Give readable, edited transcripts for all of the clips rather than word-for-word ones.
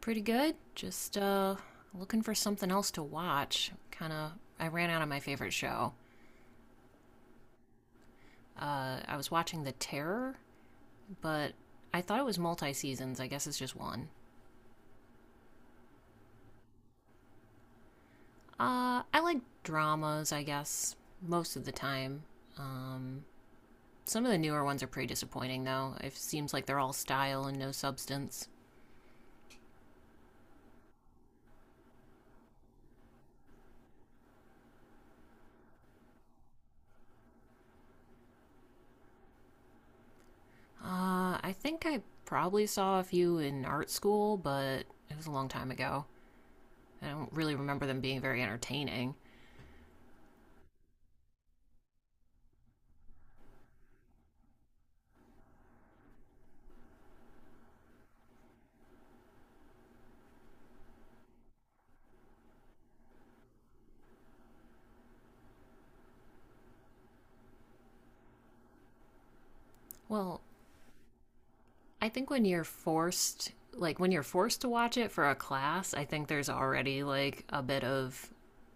Pretty good. Just looking for something else to watch. Kind of, I ran out of my favorite show. I was watching The Terror, but I thought it was multi seasons. I guess it's just one. I like dramas, I guess, most of the time. Um, some of the newer ones are pretty disappointing, though. It seems like they're all style and no substance. I think I probably saw a few in art school, but it was a long time ago. I don't really remember them being very entertaining. Well, I think when you're forced, like when you're forced to watch it for a class, I think there's already like a bit of,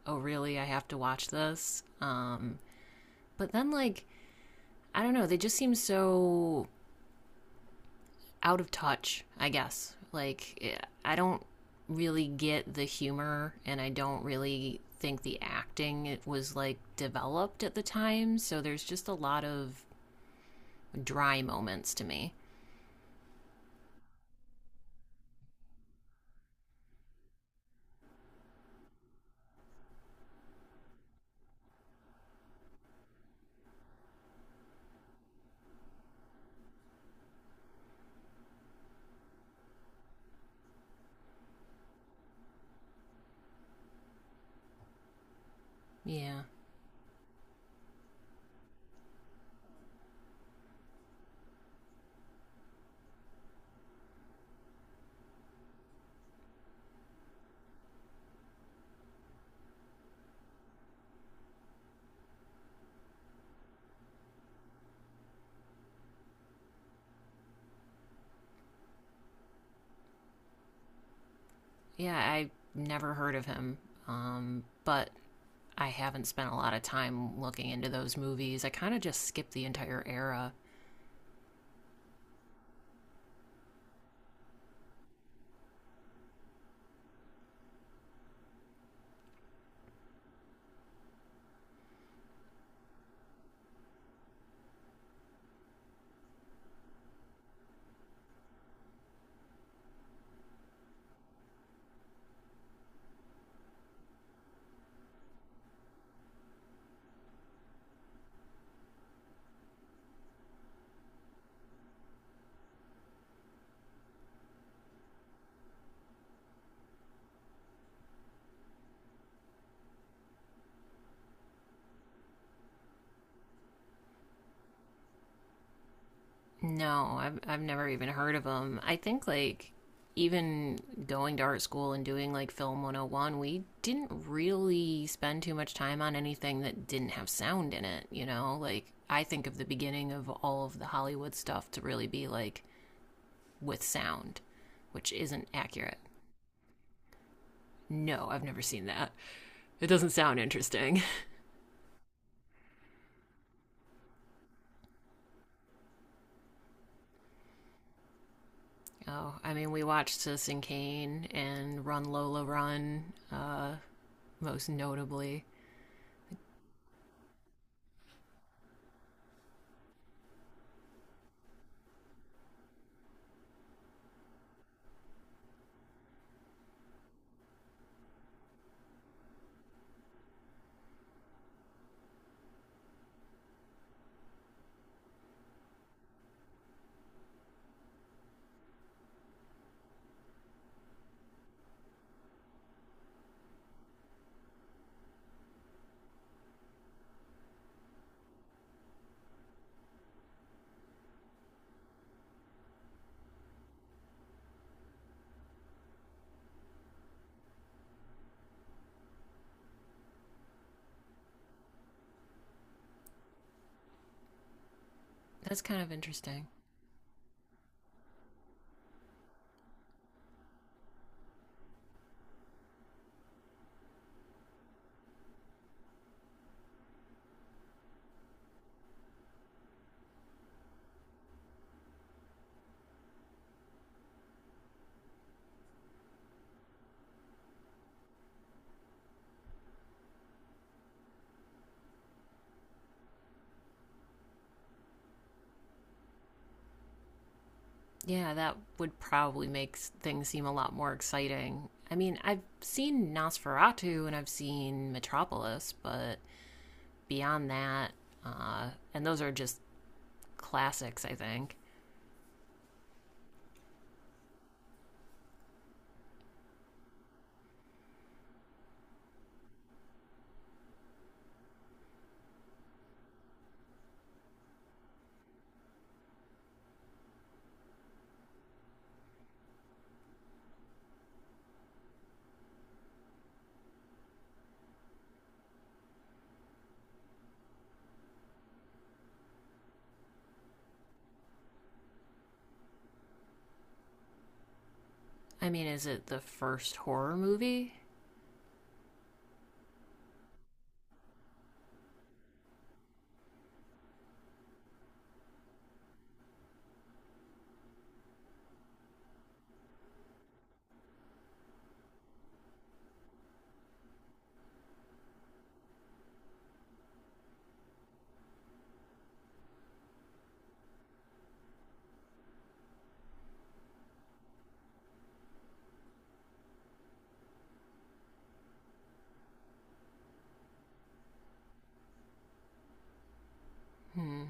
oh, really, I have to watch this. But then, like, I don't know, they just seem so out of touch, I guess. Like, I don't really get the humor, and I don't really think the acting it was like developed at the time. So there's just a lot of dry moments to me. Yeah. Yeah, I never heard of him, but I haven't spent a lot of time looking into those movies. I kind of just skipped the entire era. No, I've never even heard of him. I think like even going to art school and doing like film 101, we didn't really spend too much time on anything that didn't have sound in it, like I think of the beginning of all of the Hollywood stuff to really be like with sound, which isn't accurate. No, I've never seen that. It doesn't sound interesting. Oh, I mean, we watched Citizen Kane and Run Lola Run, uh, most notably. That's kind of interesting. Yeah, that would probably make things seem a lot more exciting. I mean, I've seen Nosferatu and I've seen Metropolis, but beyond that, and those are just classics, I think. I mean, is it the first horror movie? Hmm.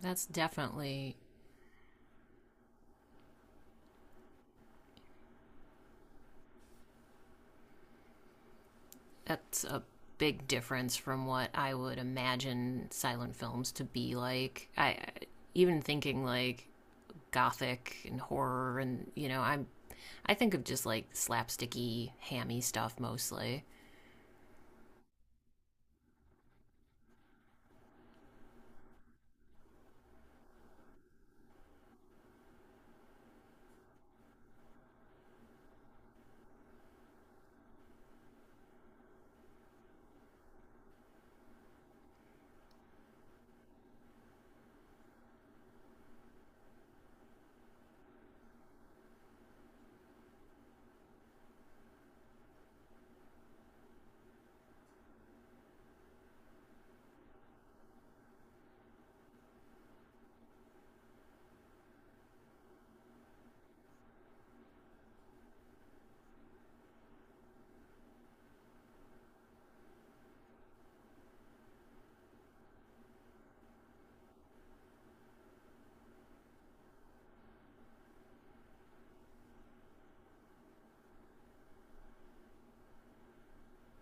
that's definitely That's a big difference from what I would imagine silent films to be like. I even thinking like gothic and horror and I think of just like slapsticky, hammy stuff mostly.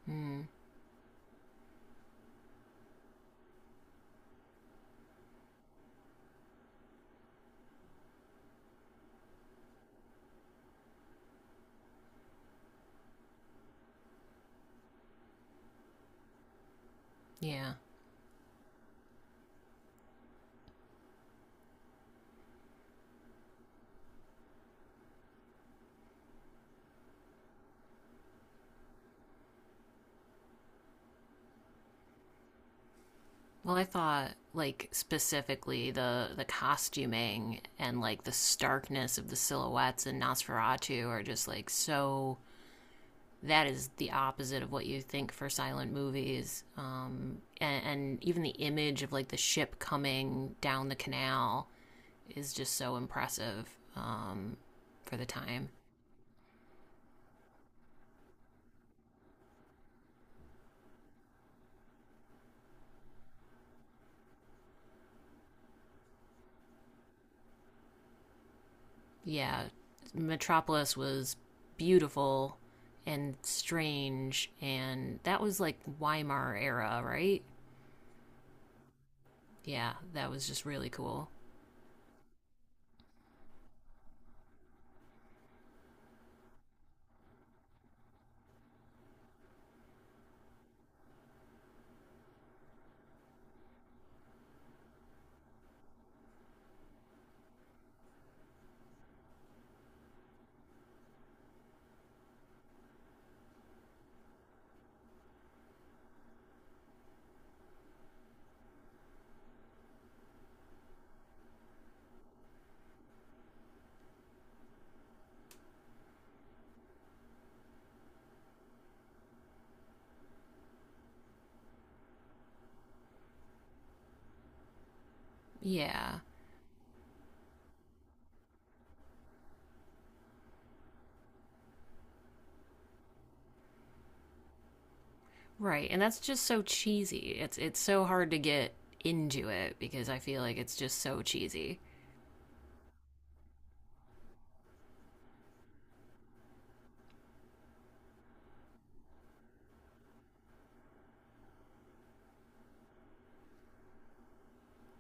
Mm, yeah. Well, I thought like specifically the costuming and like the starkness of the silhouettes in Nosferatu are just like so that is the opposite of what you think for silent movies. And even the image of like the ship coming down the canal is just so impressive um, for the time. Yeah, Metropolis was beautiful and strange, and that was like Weimar era, right? Yeah, that was just really cool. Yeah, right, and that's just so cheesy. It's so hard to get into it because I feel like it's just so cheesy.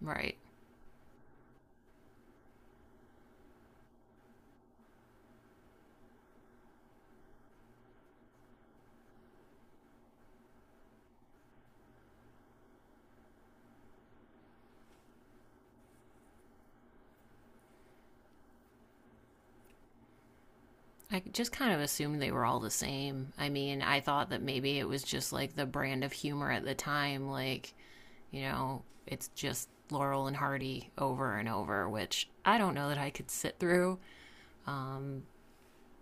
Right. I just kind of assumed they were all the same. I mean, I thought that maybe it was just like the brand of humor at the time, like, it's just Laurel and Hardy over and over, which I don't know that I could sit through. Um,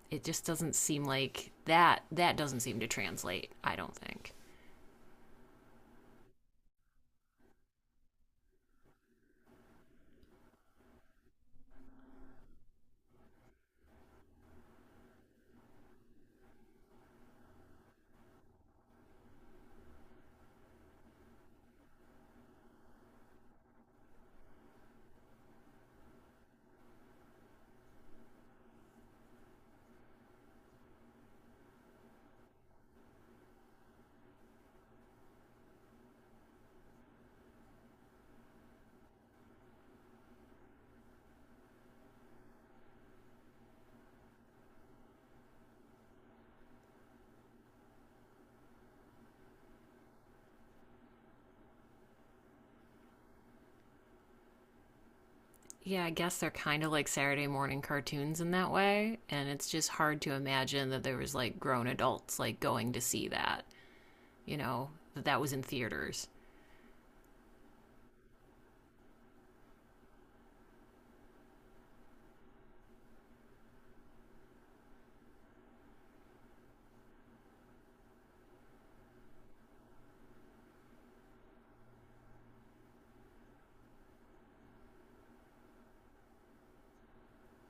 it just doesn't seem like that that doesn't seem to translate, I don't think. Yeah, I guess they're kind of like Saturday morning cartoons in that way, and it's just hard to imagine that there was like grown adults like going to see that, that that was in theaters.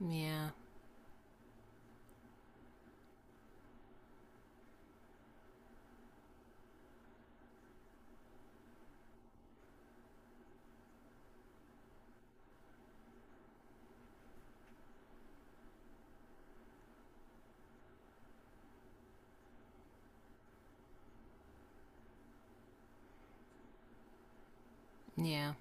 Yeah. Yeah,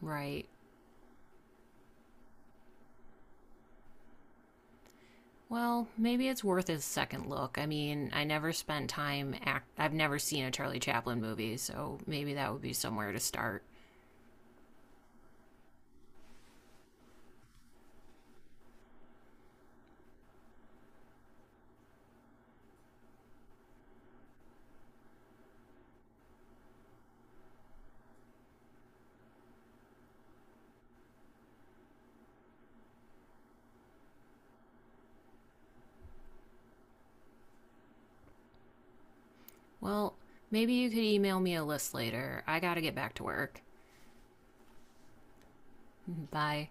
right. Well, maybe it's worth a second look. I mean, I never spent time act I've never seen a Charlie Chaplin movie, so maybe that would be somewhere to start. Well, maybe you could email me a list later. I got to get back to work. Bye.